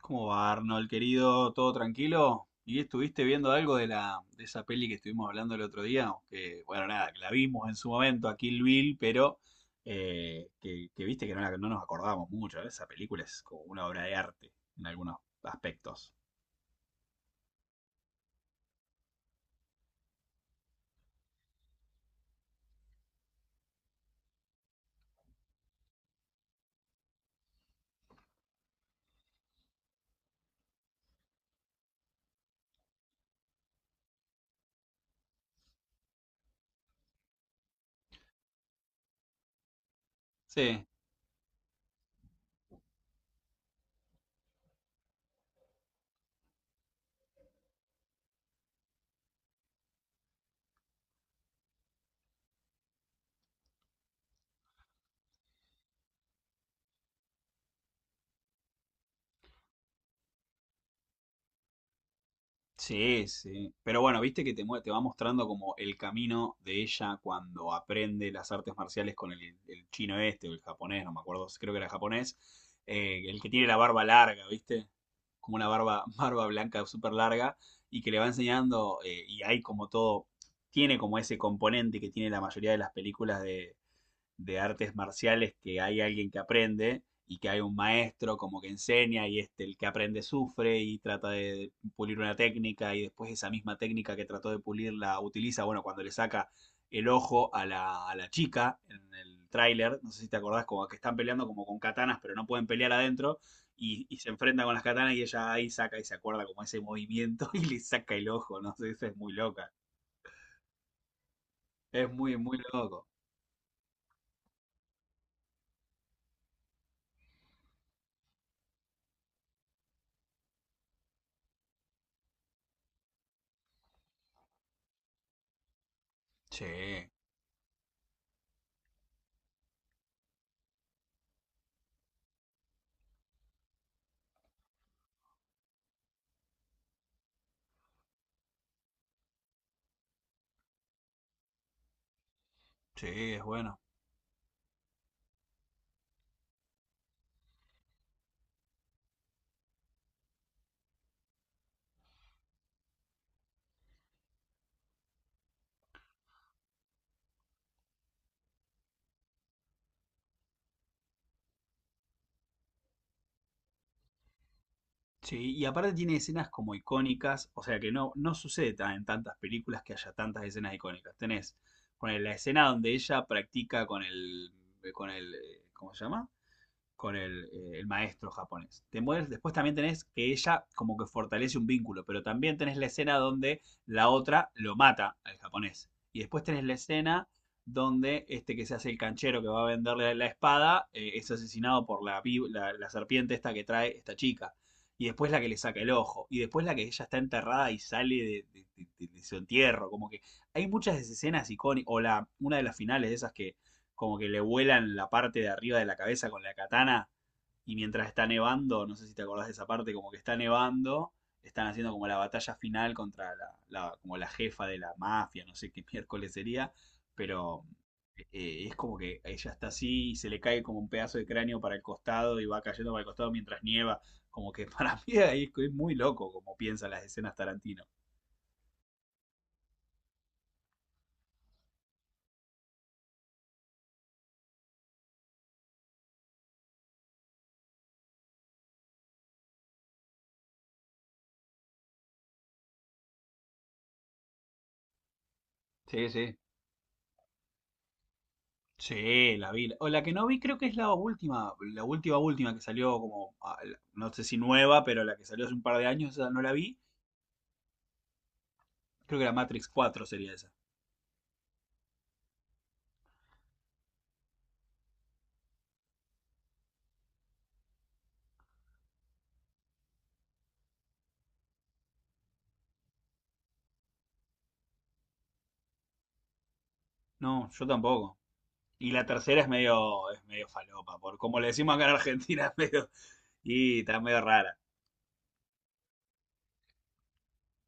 ¿Cómo va, Arnold, querido? ¿Todo tranquilo? ¿Y estuviste viendo algo de la de esa peli que estuvimos hablando el otro día? Que, bueno, nada, que la vimos en su momento a Kill Bill, pero que viste que no, no nos acordábamos mucho, ¿eh? Esa película es como una obra de arte en algunos aspectos. Sí. Sí, sí, pero bueno, viste que te va mostrando como el camino de ella cuando aprende las artes marciales con el chino este o el japonés, no me acuerdo, creo que era japonés, el que tiene la barba larga, viste, como una barba, barba blanca súper larga, y que le va enseñando y hay como todo, tiene como ese componente que tiene la mayoría de las películas de artes marciales, que hay alguien que aprende y que hay un maestro como que enseña, y este el que aprende sufre y trata de pulir una técnica, y después esa misma técnica que trató de pulir la utiliza, bueno, cuando le saca el ojo a a la chica en el tráiler, no sé si te acordás, como que están peleando como con katanas pero no pueden pelear adentro, y se enfrenta con las katanas y ella ahí saca y se acuerda como ese movimiento y le saca el ojo. No sé, eso es muy loca, es muy, muy loco. Sí, sí, es bueno. Sí, y aparte tiene escenas como icónicas, o sea que no, no sucede en tantas películas que haya tantas escenas icónicas. Tenés, ponele, la escena donde ella practica con el, ¿cómo se llama? Con el maestro japonés. Después también tenés que ella como que fortalece un vínculo, pero también tenés la escena donde la otra lo mata al japonés. Y después tenés la escena donde este que se hace el canchero que va a venderle la espada es asesinado por la serpiente esta que trae esta chica. Y después la que le saca el ojo. Y después la que ella está enterrada y sale de su entierro. Como que hay muchas de esas escenas icónicas. O una de las finales de esas que como que le vuelan la parte de arriba de la cabeza con la katana, y mientras está nevando, no sé si te acordás de esa parte, como que está nevando, están haciendo como la batalla final contra como la jefa de la mafia, no sé qué miércoles sería, pero es como que ella está así y se le cae como un pedazo de cráneo para el costado y va cayendo para el costado mientras nieva, como que para mí ahí es muy loco como piensan las escenas Tarantino. Sí, sí. Sí, la vi. O la que no vi creo que es la última última que salió como, ah, no sé si nueva, pero la que salió hace un par de años, esa no la vi. Creo que la Matrix cuatro sería esa. No, yo tampoco. Y la tercera es medio falopa, por como le decimos acá en Argentina, es medio, y está medio rara.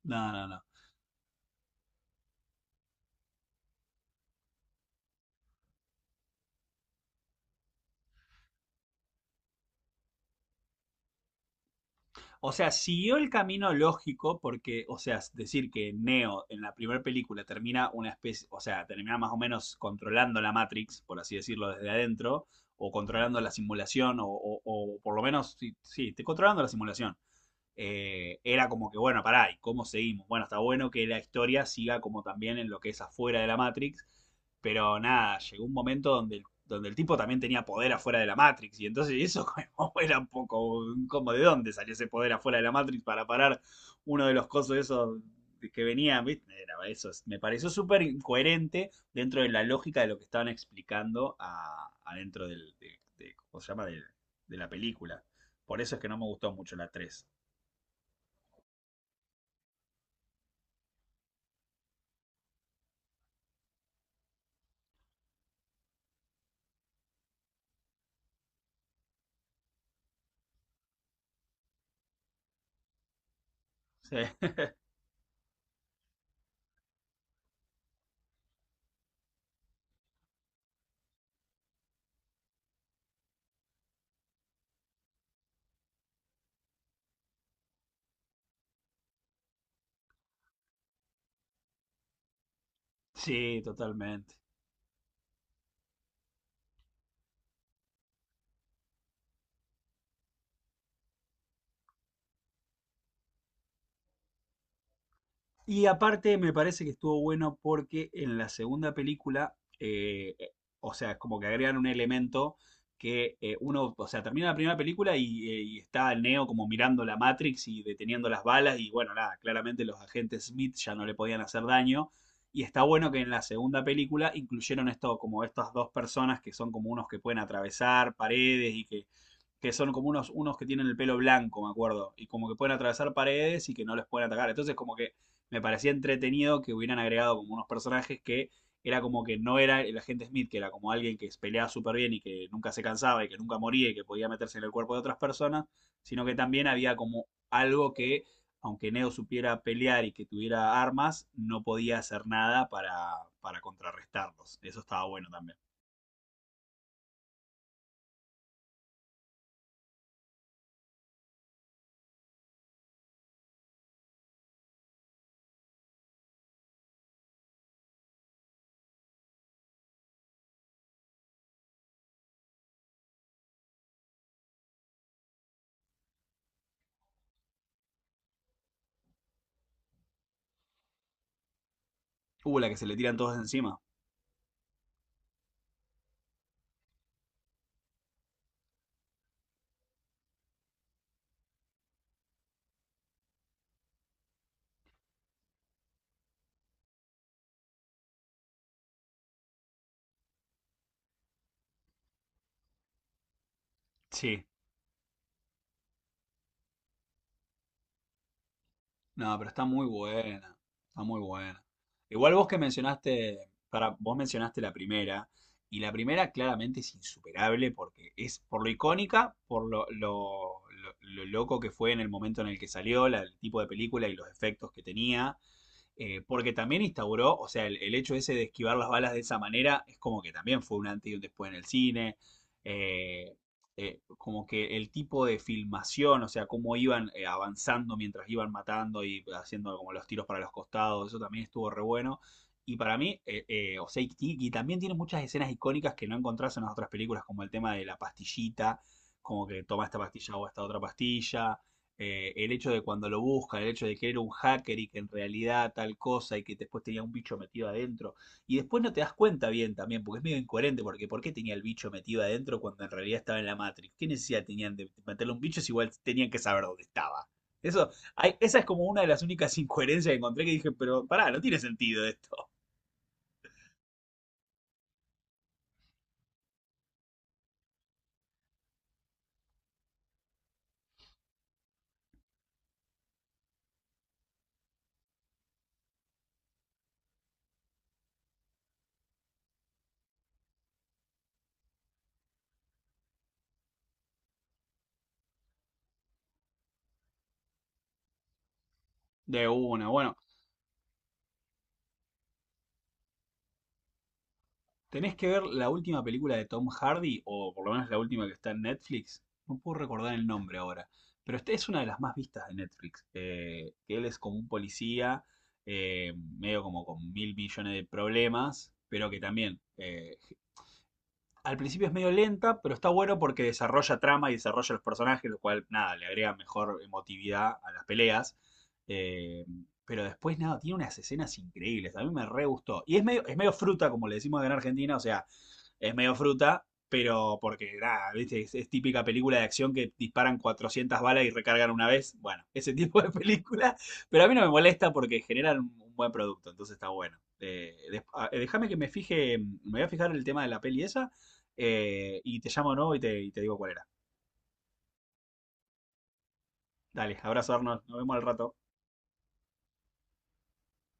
No, no, no. O sea, siguió el camino lógico porque, o sea, decir que Neo en la primera película termina una especie, o sea, termina más o menos controlando la Matrix, por así decirlo, desde adentro, o controlando la simulación, o por lo menos, sí, sí, controlando la simulación, era como que, bueno, pará, ¿y cómo seguimos? Bueno, está bueno que la historia siga como también en lo que es afuera de la Matrix, pero nada, llegó un momento donde donde el tipo también tenía poder afuera de la Matrix, y entonces eso como era un poco, como de dónde salió ese poder afuera de la Matrix para parar uno de los cosos esos que venían, ¿viste? Era eso, me pareció súper incoherente dentro de la lógica de lo que estaban explicando a, adentro ¿cómo se llama? De la película. Por eso es que no me gustó mucho la tres. Sí, sí, totalmente. Y aparte me parece que estuvo bueno porque en la segunda película, o sea, como que agregan un elemento que uno, o sea, termina la primera película y está Neo como mirando la Matrix y deteniendo las balas y bueno, nada, claramente los agentes Smith ya no le podían hacer daño. Y está bueno que en la segunda película incluyeron esto, como estas dos personas que son como unos que pueden atravesar paredes y que son como unos, unos que tienen el pelo blanco, me acuerdo, y como que pueden atravesar paredes y que no les pueden atacar. Entonces, como que me parecía entretenido que hubieran agregado como unos personajes que era como que no era el agente Smith, que era como alguien que peleaba súper bien y que nunca se cansaba y que nunca moría y que podía meterse en el cuerpo de otras personas, sino que también había como algo que, aunque Neo supiera pelear y que tuviera armas, no podía hacer nada para, para contrarrestarlos. Eso estaba bueno también. La que se le tiran todos encima. Sí, no, pero está muy buena, está muy buena. Igual vos que mencionaste, para, vos mencionaste la primera, y la primera claramente es insuperable porque es por lo icónica, por lo loco que fue en el momento en el que salió, el tipo de película y los efectos que tenía, porque también instauró, o sea, el hecho ese de esquivar las balas de esa manera es como que también fue un antes y un después en el cine. eh, Como que el tipo de filmación, o sea, cómo iban avanzando mientras iban matando y haciendo como los tiros para los costados, eso también estuvo re bueno. Y para mí, o sea, y también tiene muchas escenas icónicas que no encontrás en las otras películas, como el tema de la pastillita, como que toma esta pastilla o esta otra pastilla, el hecho de cuando lo busca, el hecho de que era un hacker y que en realidad tal cosa y que después tenía un bicho metido adentro. Y después no te das cuenta bien también, porque es medio incoherente, porque ¿por qué tenía el bicho metido adentro cuando en realidad estaba en la Matrix? ¿Qué necesidad tenían de meterle un bicho si igual tenían que saber dónde estaba? Eso, esa es como una de las únicas incoherencias que encontré que dije, pero pará, no tiene sentido esto. De una. Bueno, tenés que ver la última película de Tom Hardy, o por lo menos la última que está en Netflix. No puedo recordar el nombre ahora, pero esta es una de las más vistas de Netflix. Que él es como un policía, medio como con 1.000 millones de problemas, pero que también al principio es medio lenta, pero está bueno porque desarrolla trama y desarrolla los personajes, lo cual, nada, le agrega mejor emotividad a las peleas. Eh, pero después, nada, tiene unas escenas increíbles. A mí me re gustó. Y es medio fruta, como le decimos acá en Argentina, o sea, es medio fruta, pero porque, nada, ¿viste? Es típica película de acción que disparan 400 balas y recargan una vez. Bueno, ese tipo de película. Pero a mí no me molesta porque generan un, buen producto, entonces está bueno. Déjame que me fije, me voy a fijar el tema de la peli esa, y te llamo, ¿no? Y te digo cuál era. Dale, abrazo Arnold, nos vemos al rato.